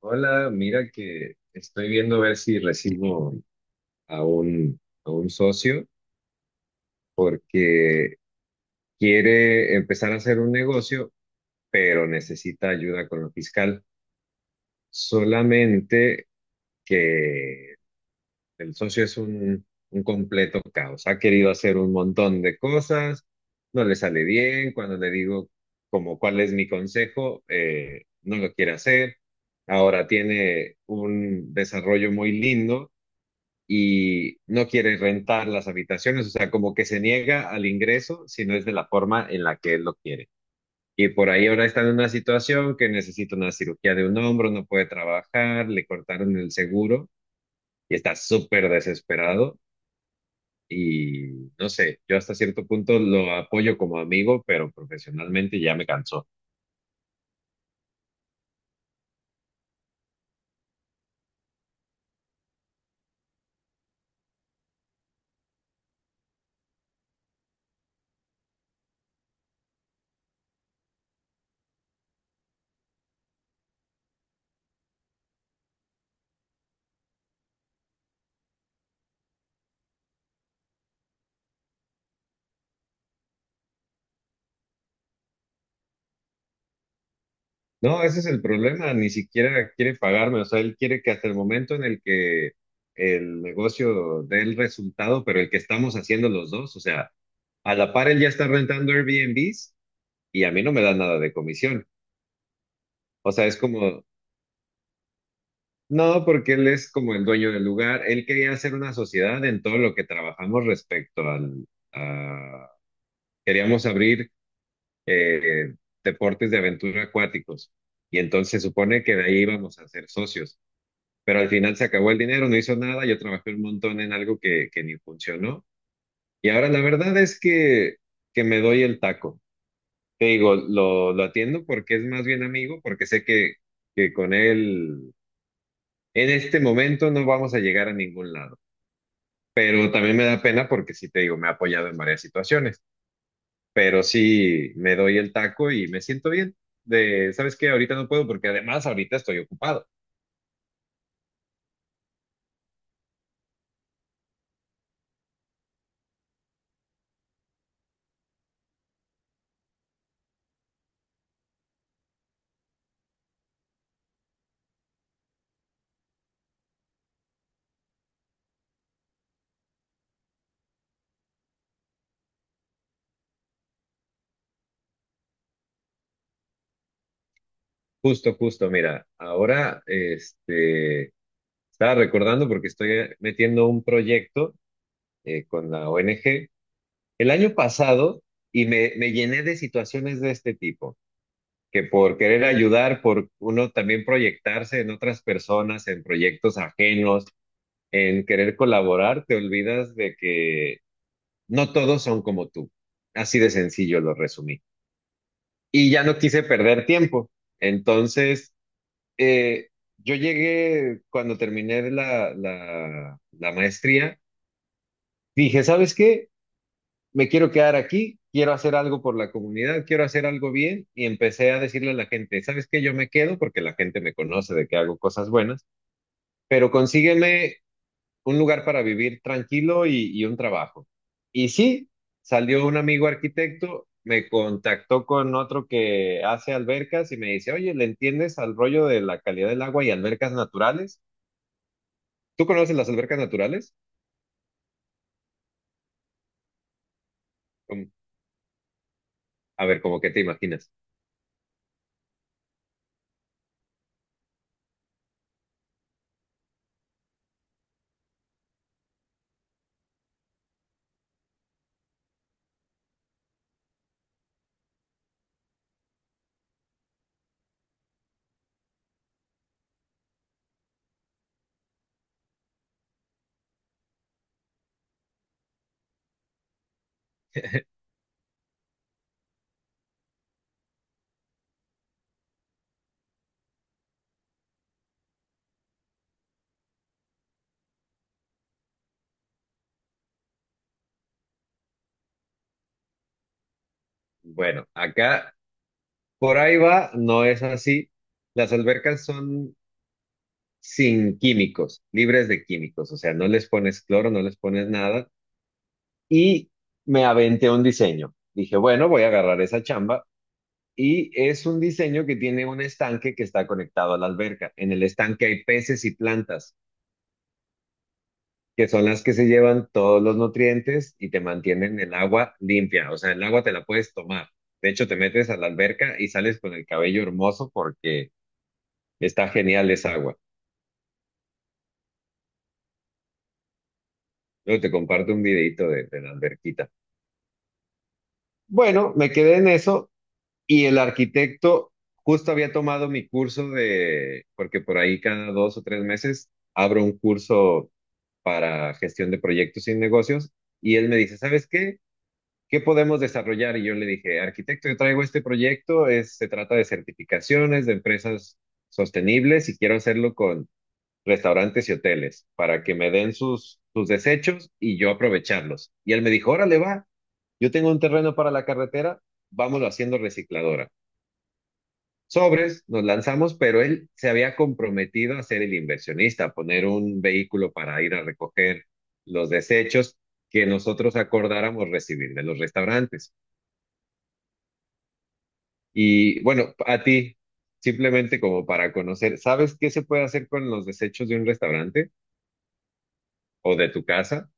Hola, mira que estoy viendo a ver si recibo a un, a un socio porque quiere empezar a hacer un negocio, pero necesita ayuda con lo fiscal. Solamente que el socio es un completo caos. Ha querido hacer un montón de cosas, no le sale bien. Cuando le digo como cuál es mi consejo, no lo quiere hacer. Ahora tiene un desarrollo muy lindo y no quiere rentar las habitaciones, o sea, como que se niega al ingreso si no es de la forma en la que él lo quiere. Y por ahí ahora está en una situación que necesita una cirugía de un hombro, no puede trabajar, le cortaron el seguro y está súper desesperado. Y no sé, yo hasta cierto punto lo apoyo como amigo, pero profesionalmente ya me cansó. No, ese es el problema, ni siquiera quiere pagarme, o sea, él quiere que hasta el momento en el que el negocio dé el resultado, pero el que estamos haciendo los dos, o sea, a la par él ya está rentando Airbnbs y a mí no me da nada de comisión. O sea, es como, no, porque él es como el dueño del lugar, él quería hacer una sociedad en todo lo que trabajamos respecto al, a- queríamos abrir eh, deportes de aventura acuáticos y entonces se supone que de ahí íbamos a ser socios. Pero al final se acabó el dinero, no hizo nada, yo trabajé un montón en algo que ni funcionó. Y ahora la verdad es que me doy el taco. Te digo, lo atiendo porque es más bien amigo, porque sé que con él en este momento no vamos a llegar a ningún lado. Pero también me da pena porque sí te digo, me ha apoyado en varias situaciones, pero sí me doy el taco y me siento bien. ¿Sabes qué? Ahorita no puedo porque además ahorita estoy ocupado. Justo, justo, mira, ahora estaba recordando porque estoy metiendo un proyecto con la ONG el año pasado y me llené de situaciones de este tipo, que por querer ayudar, por uno también proyectarse en otras personas, en proyectos ajenos, en querer colaborar, te olvidas de que no todos son como tú. Así de sencillo lo resumí. Y ya no quise perder tiempo. Entonces, eh, yo llegué cuando terminé la maestría. Dije, ¿sabes qué? Me quiero quedar aquí, quiero hacer algo por la comunidad, quiero hacer algo bien y empecé a decirle a la gente, ¿sabes qué? Yo me quedo porque la gente me conoce de que hago cosas buenas, pero consígueme un lugar para vivir tranquilo y un trabajo. Y sí, salió un amigo arquitecto, me contactó con otro que hace albercas y me dice, oye, ¿le entiendes al rollo de la calidad del agua y albercas naturales? ¿Tú conoces las albercas naturales? Como- A ver, ¿cómo que te imaginas? Bueno, acá por ahí va, no es así. Las albercas son sin químicos, libres de químicos, o sea, no les pones cloro, no les pones nada. Y me aventé un diseño. Dije, bueno, voy a agarrar esa chamba. Y es un diseño que tiene un estanque que está conectado a la alberca. En el estanque hay peces y plantas, que son las que se llevan todos los nutrientes y te mantienen el agua limpia. O sea, el agua te la puedes tomar. De hecho, te metes a la alberca y sales con el cabello hermoso porque está genial esa agua. Luego te comparto un videito de la alberquita. Bueno, me quedé en eso y el arquitecto justo había tomado mi curso de, porque por ahí cada 2 o 3 meses abro un curso para gestión de proyectos y negocios y él me dice, ¿sabes qué? ¿Qué podemos desarrollar? Y yo le dije, arquitecto, yo traigo este proyecto, se trata de certificaciones de empresas sostenibles y quiero hacerlo con restaurantes y hoteles para que me den sus desechos y yo aprovecharlos. Y él me dijo, órale, va, yo tengo un terreno para la carretera, vámonos haciendo recicladora. Sobres, nos lanzamos, pero él se había comprometido a ser el inversionista, a poner un vehículo para ir a recoger los desechos que nosotros acordáramos recibir de los restaurantes. Y bueno, a ti, simplemente como para conocer, ¿sabes qué se puede hacer con los desechos de un restaurante o de tu casa?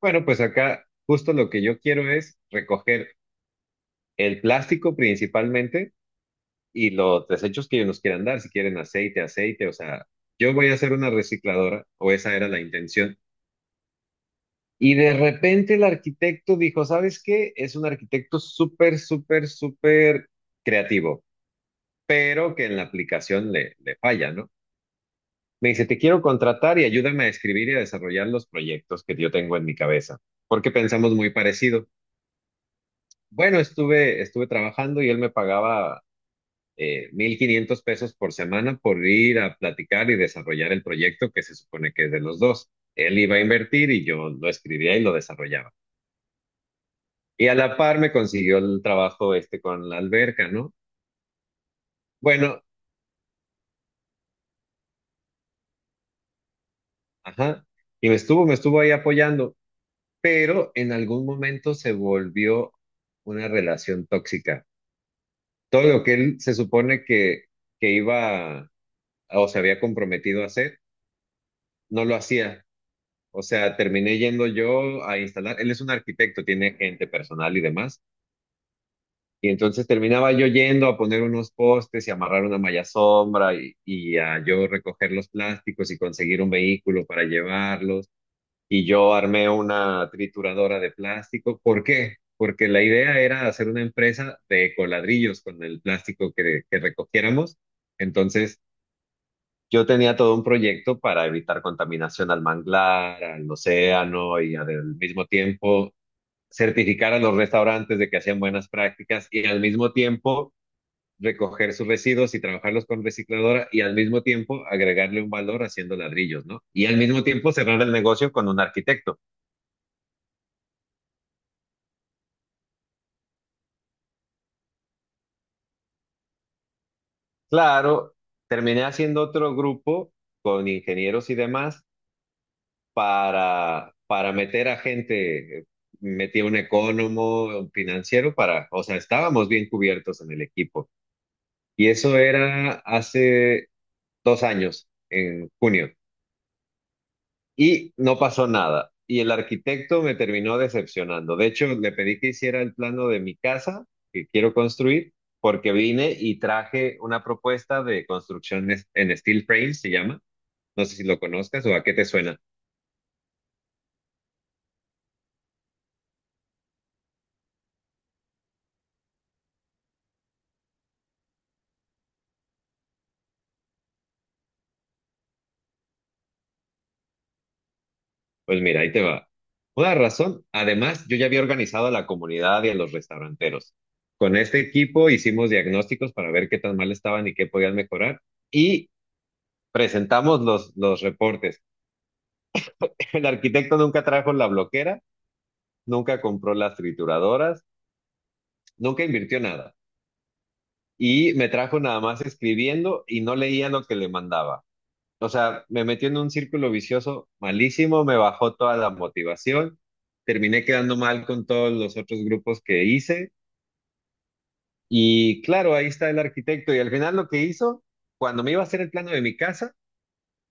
Bueno, pues acá justo lo que yo quiero es recoger el plástico principalmente y los desechos que ellos nos quieran dar, si quieren aceite, aceite, o sea, yo voy a hacer una recicladora, o esa era la intención. Y de repente el arquitecto dijo, ¿sabes qué? Es un arquitecto súper, súper, súper creativo, pero que en la aplicación le falla, ¿no? Me dice, te quiero contratar y ayúdame a escribir y a desarrollar los proyectos que yo tengo en mi cabeza, porque pensamos muy parecido. Bueno, estuve trabajando y él me pagaba 1,500 pesos por semana por ir a platicar y desarrollar el proyecto que se supone que es de los dos. Él iba a invertir y yo lo escribía y lo desarrollaba. Y a la par me consiguió el trabajo este con la alberca, ¿no? Bueno, ajá. Y me estuvo ahí apoyando, pero en algún momento se volvió una relación tóxica. Todo lo que él se supone que iba o se había comprometido a hacer, no lo hacía. O sea, terminé yendo yo a instalar, él es un arquitecto, tiene gente personal y demás, y entonces terminaba yo yendo a poner unos postes y amarrar una malla sombra y a yo recoger los plásticos y conseguir un vehículo para llevarlos, y yo armé una trituradora de plástico. ¿Por qué? Porque la idea era hacer una empresa de coladrillos con el plástico que recogiéramos. Entonces yo tenía todo un proyecto para evitar contaminación al manglar, al océano y al mismo tiempo certificar a los restaurantes de que hacían buenas prácticas y al mismo tiempo recoger sus residuos y trabajarlos con recicladora y al mismo tiempo agregarle un valor haciendo ladrillos, ¿no? Y al mismo tiempo cerrar el negocio con un arquitecto. Claro, terminé haciendo otro grupo con ingenieros y demás para meter a gente, metí a un economo, un financiero para, o sea, estábamos bien cubiertos en el equipo. Y eso era hace 2 años, en junio, y no pasó nada. Y el arquitecto me terminó decepcionando. De hecho, le pedí que hiciera el plano de mi casa que quiero construir, porque vine y traje una propuesta de construcción en steel frame, se llama. No sé si lo conozcas o a qué te suena. Pues mira, ahí te va. Una razón, además, yo ya había organizado a la comunidad y a los restauranteros. Con este equipo hicimos diagnósticos para ver qué tan mal estaban y qué podían mejorar y presentamos los reportes. El arquitecto nunca trajo la bloquera, nunca compró las trituradoras, nunca invirtió nada y me trajo nada más escribiendo y no leía lo que le mandaba. O sea, me metió en un círculo vicioso malísimo, me bajó toda la motivación, terminé quedando mal con todos los otros grupos que hice y claro, ahí está el arquitecto y al final lo que hizo, cuando me iba a hacer el plano de mi casa,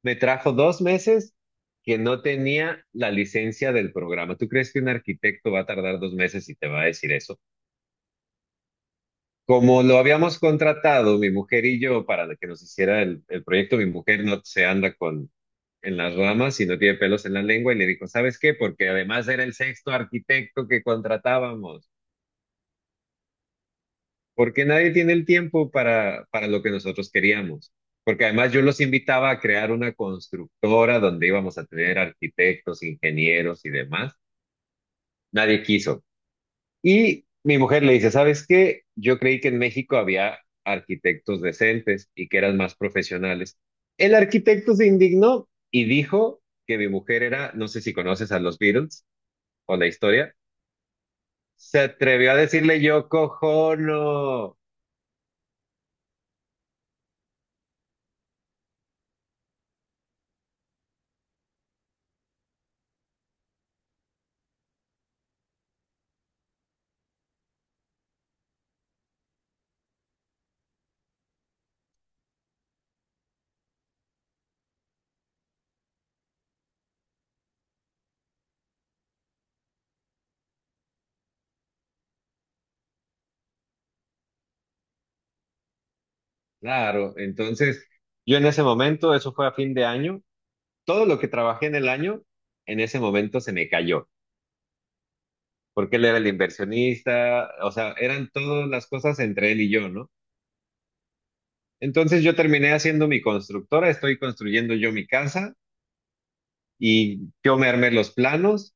me trajo 2 meses que no tenía la licencia del programa. ¿Tú crees que un arquitecto va a tardar 2 meses y te va a decir eso? Como lo habíamos contratado, mi mujer y yo, para que nos hiciera el proyecto, mi mujer no se anda en las ramas y no tiene pelos en la lengua y le dijo, ¿sabes qué? Porque además era el sexto arquitecto que contratábamos, porque nadie tiene el tiempo para lo que nosotros queríamos. Porque además yo los invitaba a crear una constructora donde íbamos a tener arquitectos, ingenieros y demás. Nadie quiso. Y mi mujer le dice, ¿sabes qué? Yo creí que en México había arquitectos decentes y que eran más profesionales. El arquitecto se indignó y dijo que mi mujer era, no sé si conoces a los Beatles, o la historia, se atrevió a decirle Yoko Ono. Claro, entonces yo en ese momento, eso fue a fin de año, todo lo que trabajé en el año, en ese momento se me cayó, porque él era el inversionista, o sea, eran todas las cosas entre él y yo, ¿no? Entonces yo terminé haciendo mi constructora, estoy construyendo yo mi casa y yo me armé los planos.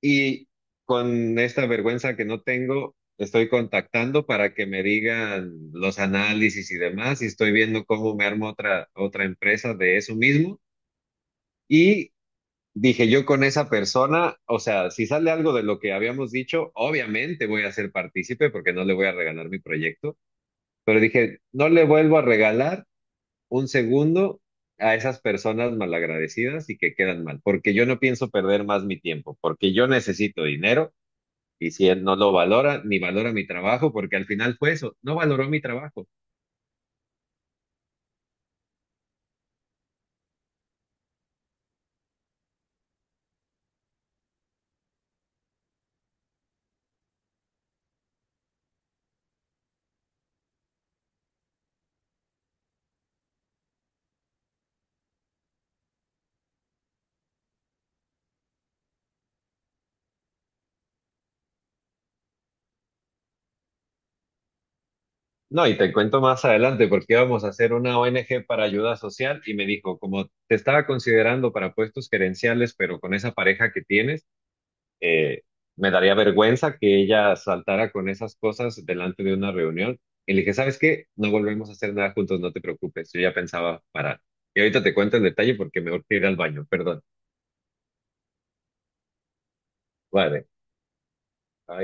Y con esta vergüenza que no tengo, estoy contactando para que me digan los análisis y demás, y estoy viendo cómo me armo otra, otra empresa de eso mismo. Y dije yo con esa persona, o sea, si sale algo de lo que habíamos dicho, obviamente voy a ser partícipe porque no le voy a regalar mi proyecto, pero dije, no le vuelvo a regalar un segundo a esas personas malagradecidas y que quedan mal, porque yo no pienso perder más mi tiempo, porque yo necesito dinero y si él no lo valora, ni valora mi trabajo, porque al final fue eso, no valoró mi trabajo. No, y te cuento más adelante, porque íbamos a hacer una ONG para ayuda social y me dijo, como te estaba considerando para puestos gerenciales, pero con esa pareja que tienes, eh, me daría vergüenza que ella saltara con esas cosas delante de una reunión. Y le dije, ¿sabes qué? No volvemos a hacer nada juntos, no te preocupes, yo ya pensaba parar. Y ahorita te cuento el detalle porque me urge ir al baño, perdón. Vale. Ay.